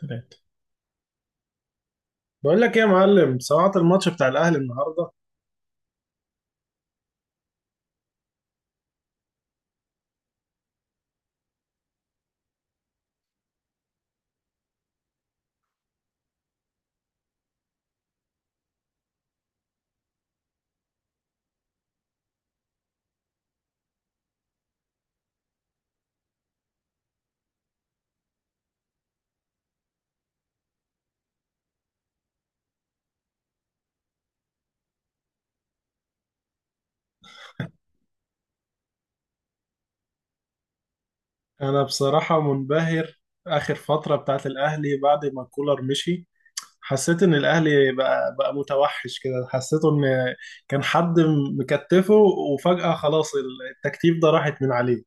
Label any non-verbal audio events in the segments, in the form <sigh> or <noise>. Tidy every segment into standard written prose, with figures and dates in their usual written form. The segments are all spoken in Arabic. ثلاثة. بقول لك ايه يا معلم؟ سمعت الماتش بتاع الاهلي النهارده؟ انا بصراحة منبهر. اخر فترة بتاعت الاهلي بعد ما كولر مشي حسيت ان الاهلي بقى متوحش كده، حسيته ان كان حد مكتفه، وفجأة خلاص التكتيف ده راحت من عليه.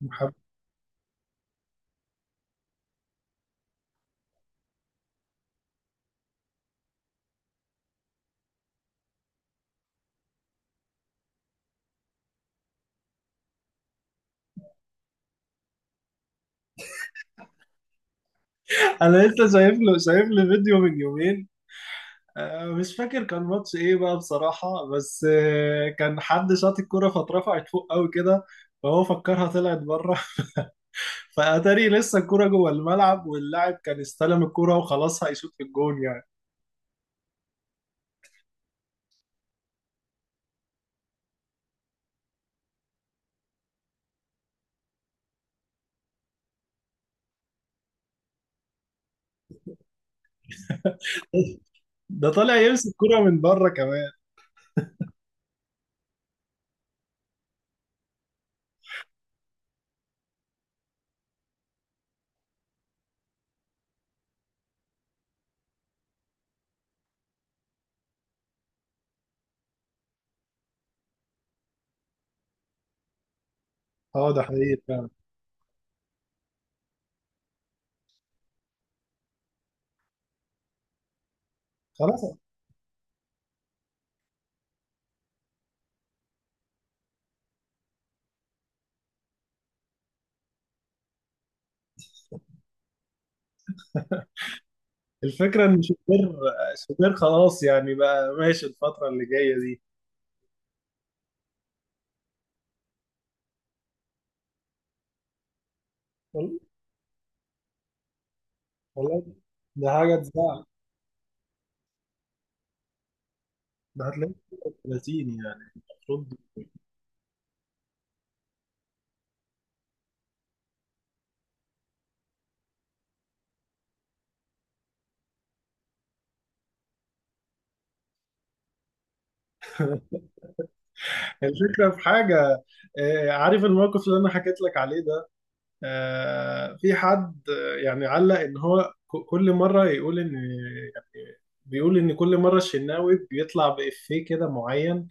<laughs> انا لسه شايف له فيديو من يومين، مش فاكر كان ماتش ايه بقى بصراحة، بس كان حد شاط الكرة فاترفعت فوق قوي كده، فهو فكرها طلعت بره، فاتاري لسه الكرة جوه الملعب واللاعب كان استلم الكرة وخلاص هيشوط في الجون يعني. <laughs> ده طالع يمسك الكرة من بره كمان. اه ده حقيقي فعلا. خلاص. الفكرة ان شوبير خلاص، يعني بقى ماشي الفترة اللي جاية دي. وال- والله ده حاجة تزعل. ده هتلاقيه 30 يعني المفروض. <laughs> الفكرة في حاجة، عارف الموقف اللي انا حكيت لك عليه ده، في حد يعني علق ان هو كل مره يقول ان، يعني بيقول ان كل مره الشناوي بيطلع بإفيه كده معين،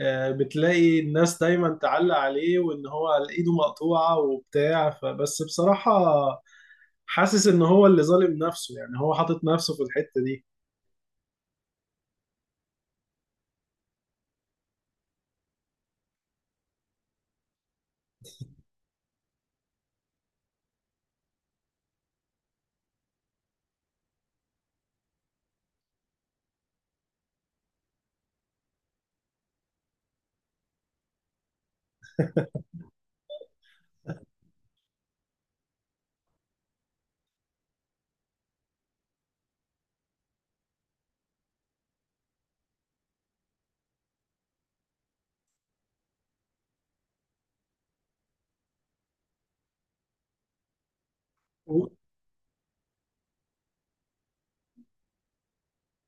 بتلاقي الناس دايما تعلق عليه وان هو على ايده مقطوعه وبتاع، فبس بصراحه حاسس ان هو اللي ظالم نفسه، يعني هو حاطط نفسه في الحته دي.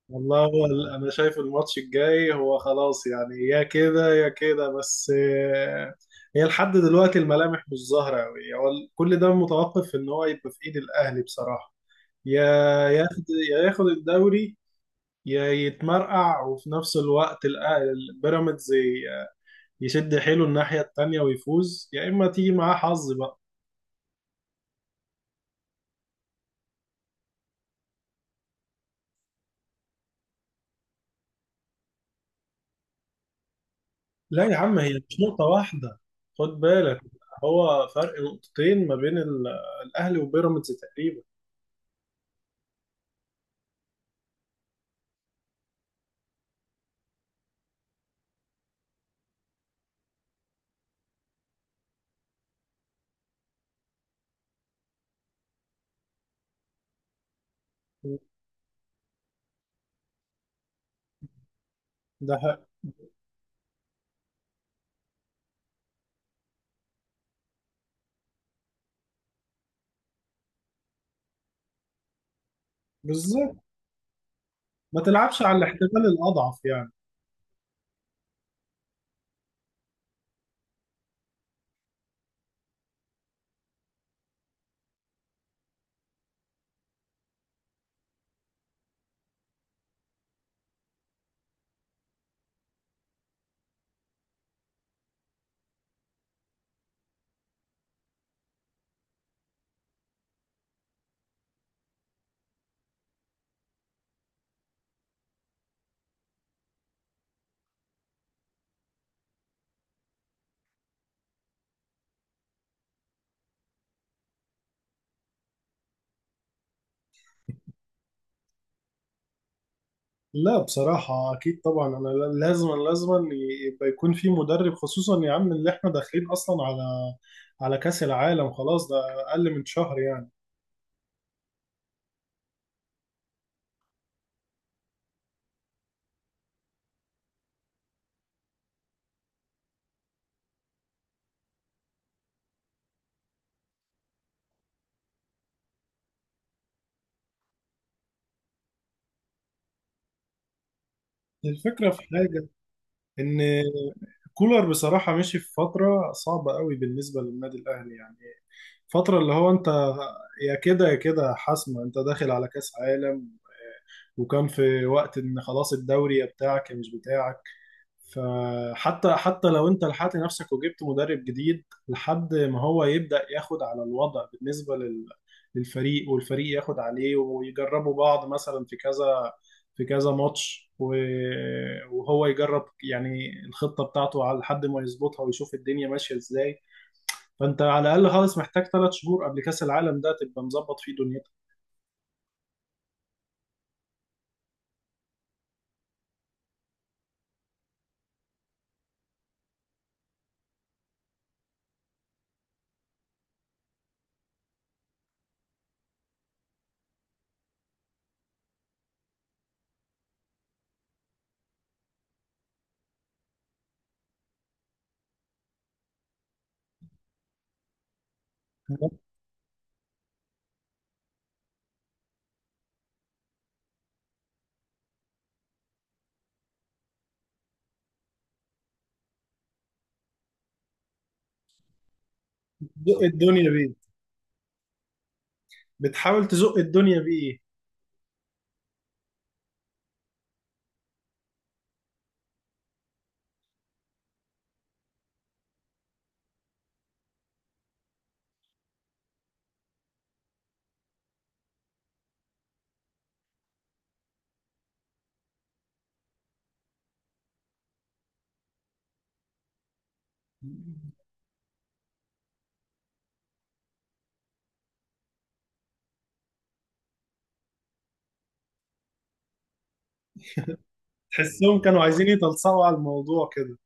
والله هو انا شايف الماتش الجاي هو خلاص يعني، يا كده يا كده، بس هي لحد دلوقتي الملامح مش ظاهرة قوي، هو كل ده متوقف ان هو يبقى في ايد الاهلي بصراحة. يا ياخد يا ياخد الدوري، يا يتمرقع، وفي نفس الوقت البيراميدز يشد حيله الناحية التانية ويفوز، يا اما تيجي معاه حظ بقى. لا يا عم، هي مش نقطة واحدة، خد بالك. هو فرق نقطتين ما بين الاهلي وبيراميدز تقريبا. ده حق. بالظبط، ما تلعبش على الاحتمال الأضعف يعني. لا بصراحة أكيد طبعا، أنا لازم لازم يبقى يكون في مدرب، خصوصا يا عم اللي إحنا داخلين أصلا على كأس العالم، خلاص ده أقل من شهر يعني. الفكرة في حاجة، إن كولر بصراحة مشي في فترة صعبة قوي بالنسبة للنادي الأهلي يعني، فترة اللي هو أنت يا كده يا كده حاسمة، أنت داخل على كأس عالم، وكان في وقت إن خلاص الدوري يا بتاعك يا مش بتاعك، فحتى لو انت لحقت نفسك وجبت مدرب جديد لحد ما هو يبدأ ياخد على الوضع بالنسبة للفريق، والفريق ياخد عليه ويجربوا بعض مثلا في كذا، في كذا ماتش وهو يجرب يعني الخطة بتاعته، على لحد ما يظبطها ويشوف الدنيا ماشية ازاي، فانت على الأقل خالص محتاج 3 شهور قبل كأس العالم ده تبقى مظبط فيه دنيتك. تزق. صح، الدنيا بيه، بتحاول تزق الدنيا بيه. تحسهم كانوا عايزين يتلصقوا على الموضوع كده.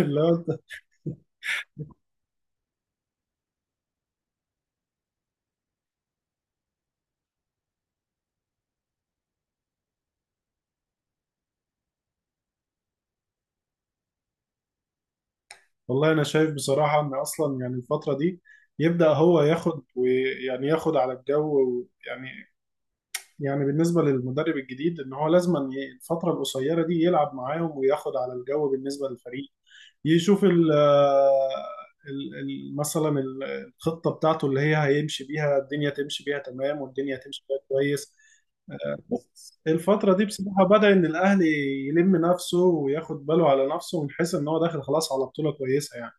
اللي هو والله انا شايف بصراحه ان اصلا يعني الفتره دي يبدا هو ياخد، ويعني ياخد على الجو يعني، يعني بالنسبه للمدرب الجديد ان هو لازم أن الفتره القصيره دي يلعب معاهم وياخد على الجو بالنسبه للفريق. يشوف مثلا الخطه بتاعته اللي هي هيمشي بيها الدنيا، تمشي بيها تمام والدنيا تمشي بيها كويس. بس الفترة دي بصراحة بدأ إن الأهلي يلم نفسه وياخد باله على نفسه، من حيث إن هو داخل خلاص على بطولة كويسة يعني.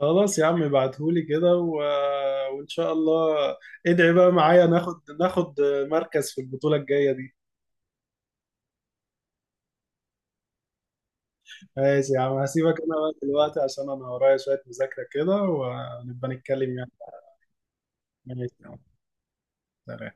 خلاص يا عم ابعتهولي كده و... وان شاء الله. ادعي بقى معايا ناخد مركز في البطولة الجاية دي. ماشي يا عم هسيبك انا بقى دلوقتي عشان انا ورايا شوية مذاكرة كده، ونبقى نتكلم يعني. ماشي يا عم، سلام.